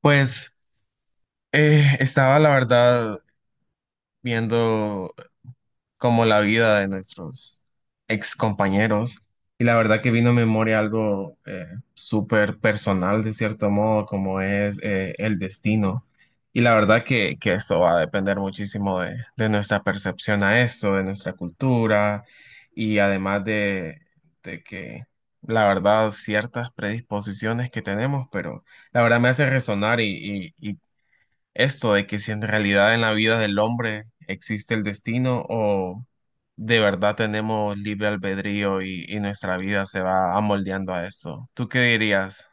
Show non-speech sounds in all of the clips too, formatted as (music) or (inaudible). Pues estaba la verdad viendo como la vida de nuestros ex compañeros y la verdad que vino a memoria algo súper personal de cierto modo como es el destino, y la verdad que esto va a depender muchísimo de nuestra percepción a esto, de nuestra cultura y además de que la verdad ciertas predisposiciones que tenemos, pero la verdad me hace resonar esto de que si en realidad en la vida del hombre existe el destino, o de verdad tenemos libre albedrío y nuestra vida se va amoldeando a esto. ¿Tú qué dirías?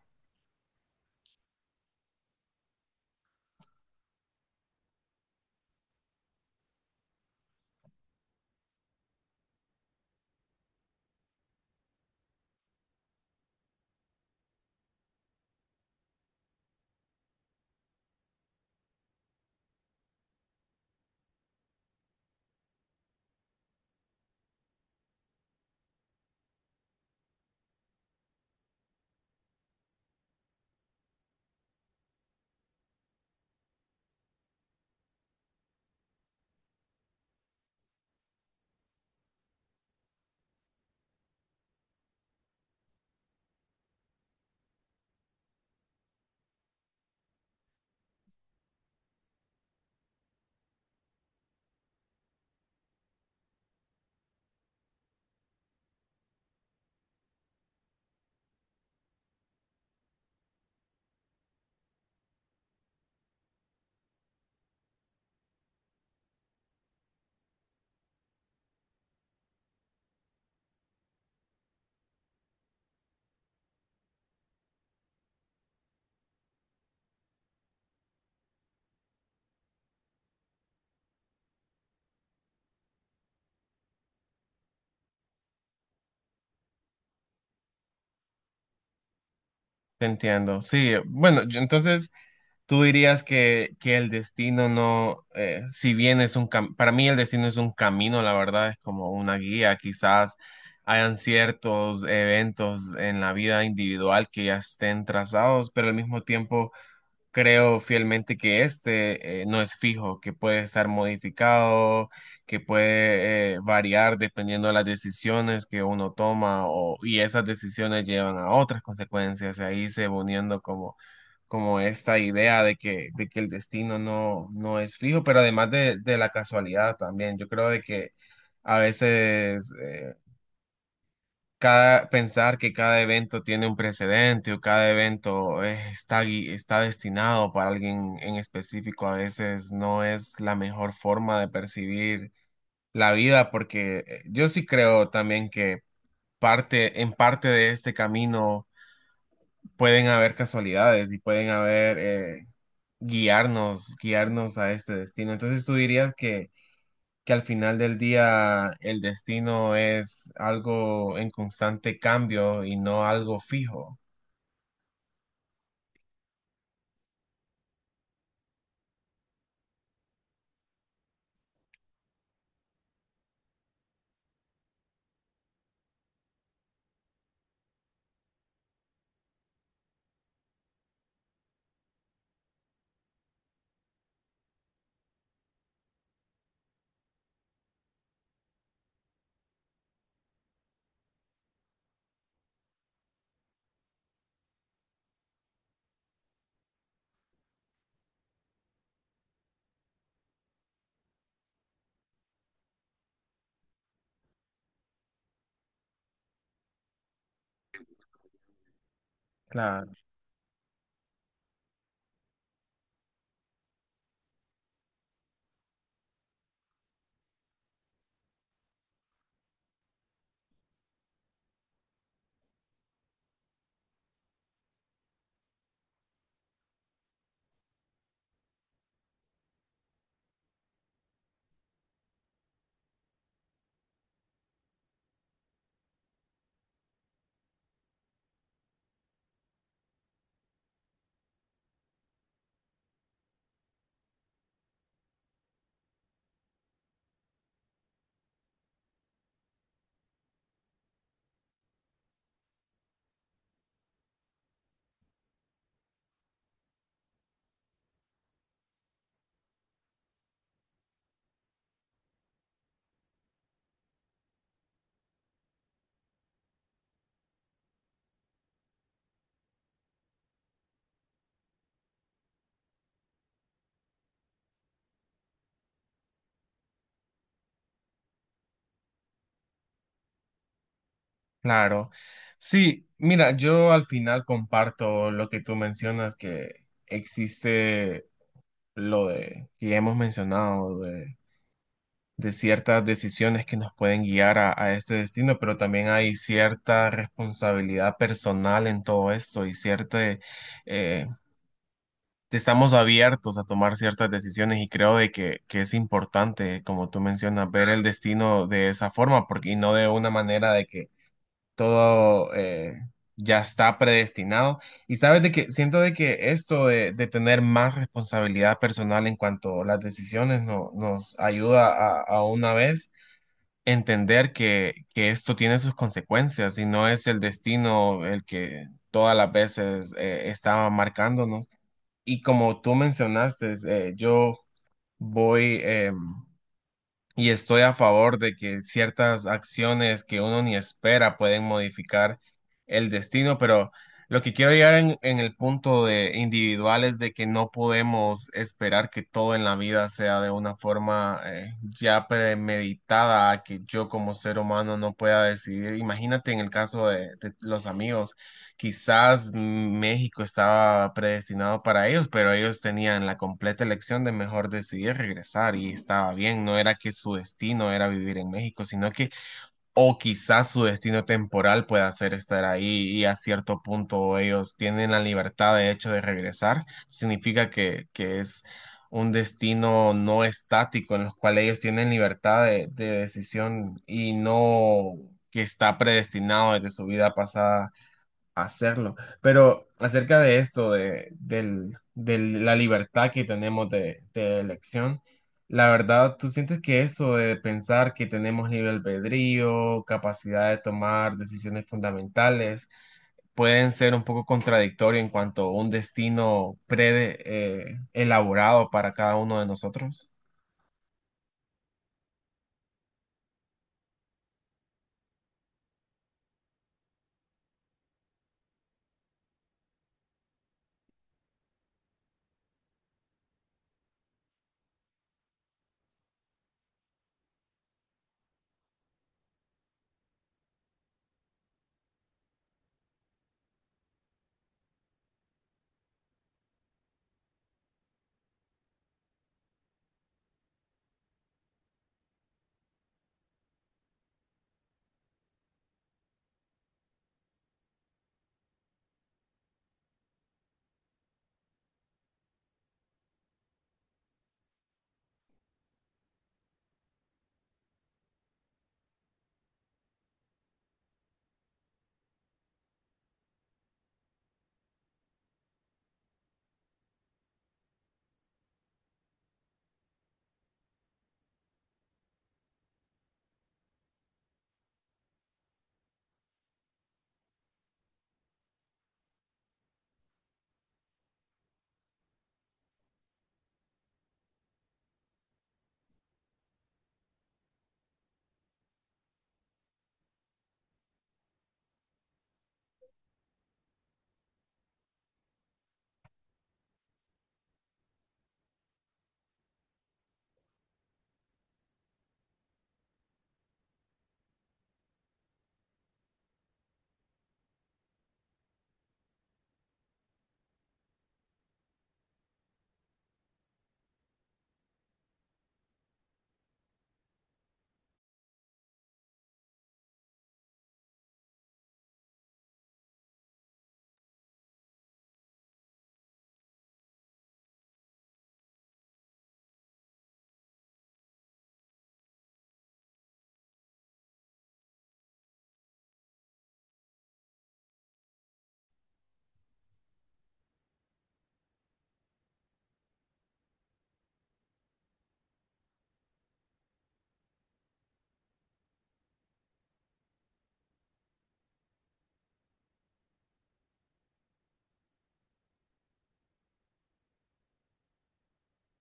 Te entiendo. Sí, bueno, entonces tú dirías que el destino no, si bien es un para mí el destino es un camino, la verdad, es como una guía, quizás. Hayan ciertos eventos en la vida individual que ya estén trazados, pero al mismo tiempo creo fielmente que este no es fijo, que puede estar modificado, que puede variar dependiendo de las decisiones que uno toma, o, y esas decisiones llevan a otras consecuencias. Y ahí se va uniendo como, como esta idea de que el destino no, no es fijo, pero además de la casualidad también. Yo creo de que a veces cada, pensar que cada evento tiene un precedente, o cada evento está, está destinado para alguien en específico, a veces no es la mejor forma de percibir la vida, porque yo sí creo también que parte, en parte de este camino pueden haber casualidades y pueden haber, guiarnos, guiarnos a este destino. Entonces tú dirías que al final del día el destino es algo en constante cambio y no algo fijo. Claro, claro. Sí, mira, yo al final comparto lo que tú mencionas, que existe lo de que ya hemos mencionado de ciertas decisiones que nos pueden guiar a este destino, pero también hay cierta responsabilidad personal en todo esto y cierta, eh, estamos abiertos a tomar ciertas decisiones, y creo de que es importante, como tú mencionas, ver el destino de esa forma, porque y no de una manera de que todo... ya está predestinado. Y sabes de que siento de que esto de tener más responsabilidad personal en cuanto a las decisiones nos ayuda a una vez entender que esto tiene sus consecuencias y no es el destino el que todas las veces está marcándonos. Y como tú mencionaste, yo voy... em, y estoy a favor de que ciertas acciones que uno ni espera pueden modificar el destino, pero lo que quiero llegar en el punto de individual es de que no podemos esperar que todo en la vida sea de una forma ya premeditada, que yo como ser humano no pueda decidir. Imagínate en el caso de los amigos, quizás México estaba predestinado para ellos, pero ellos tenían la completa elección de mejor decidir regresar, y estaba bien, no era que su destino era vivir en México, sino que, o quizás su destino temporal pueda ser estar ahí, y a cierto punto ellos tienen la libertad de hecho de regresar, significa que es un destino no estático en los cuales ellos tienen libertad de decisión y no que está predestinado desde su vida pasada hacerlo. Pero acerca de esto, de la libertad que tenemos de elección, la verdad, ¿tú sientes que esto de pensar que tenemos libre albedrío, capacidad de tomar decisiones fundamentales, pueden ser un poco contradictorio en cuanto a un destino pre, elaborado para cada uno de nosotros?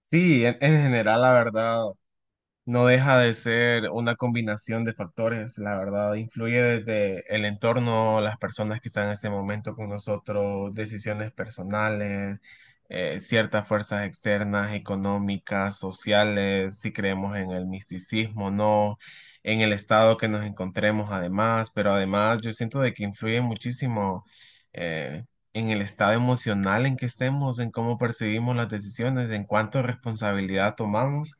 Sí, en general, la verdad. No deja de ser una combinación de factores, la verdad, influye desde el entorno, las personas que están en ese momento con nosotros, decisiones personales, ciertas fuerzas externas, económicas, sociales, si creemos en el misticismo, no, en el estado que nos encontremos además, pero además yo siento de que influye muchísimo eh, en el estado emocional en que estemos, en cómo percibimos las decisiones, en cuánta responsabilidad tomamos.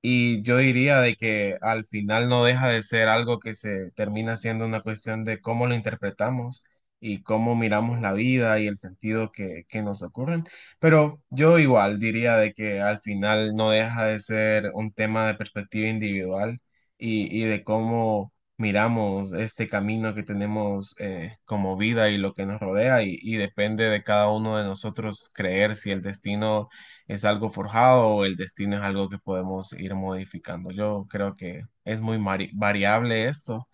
Y yo diría de que al final no deja de ser algo que se termina siendo una cuestión de cómo lo interpretamos y cómo miramos la vida y el sentido que nos ocurren. Pero yo igual diría de que al final no deja de ser un tema de perspectiva individual y de cómo miramos este camino que tenemos como vida y lo que nos rodea, y depende de cada uno de nosotros creer si el destino es algo forjado, o el destino es algo que podemos ir modificando. Yo creo que es muy variable esto,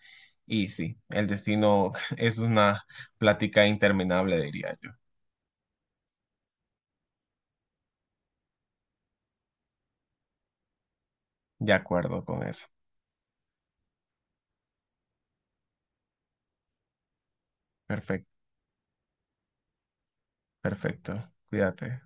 y sí, el destino (laughs) es una plática interminable, diría yo. De acuerdo con eso. Perfecto, perfecto. Cuídate.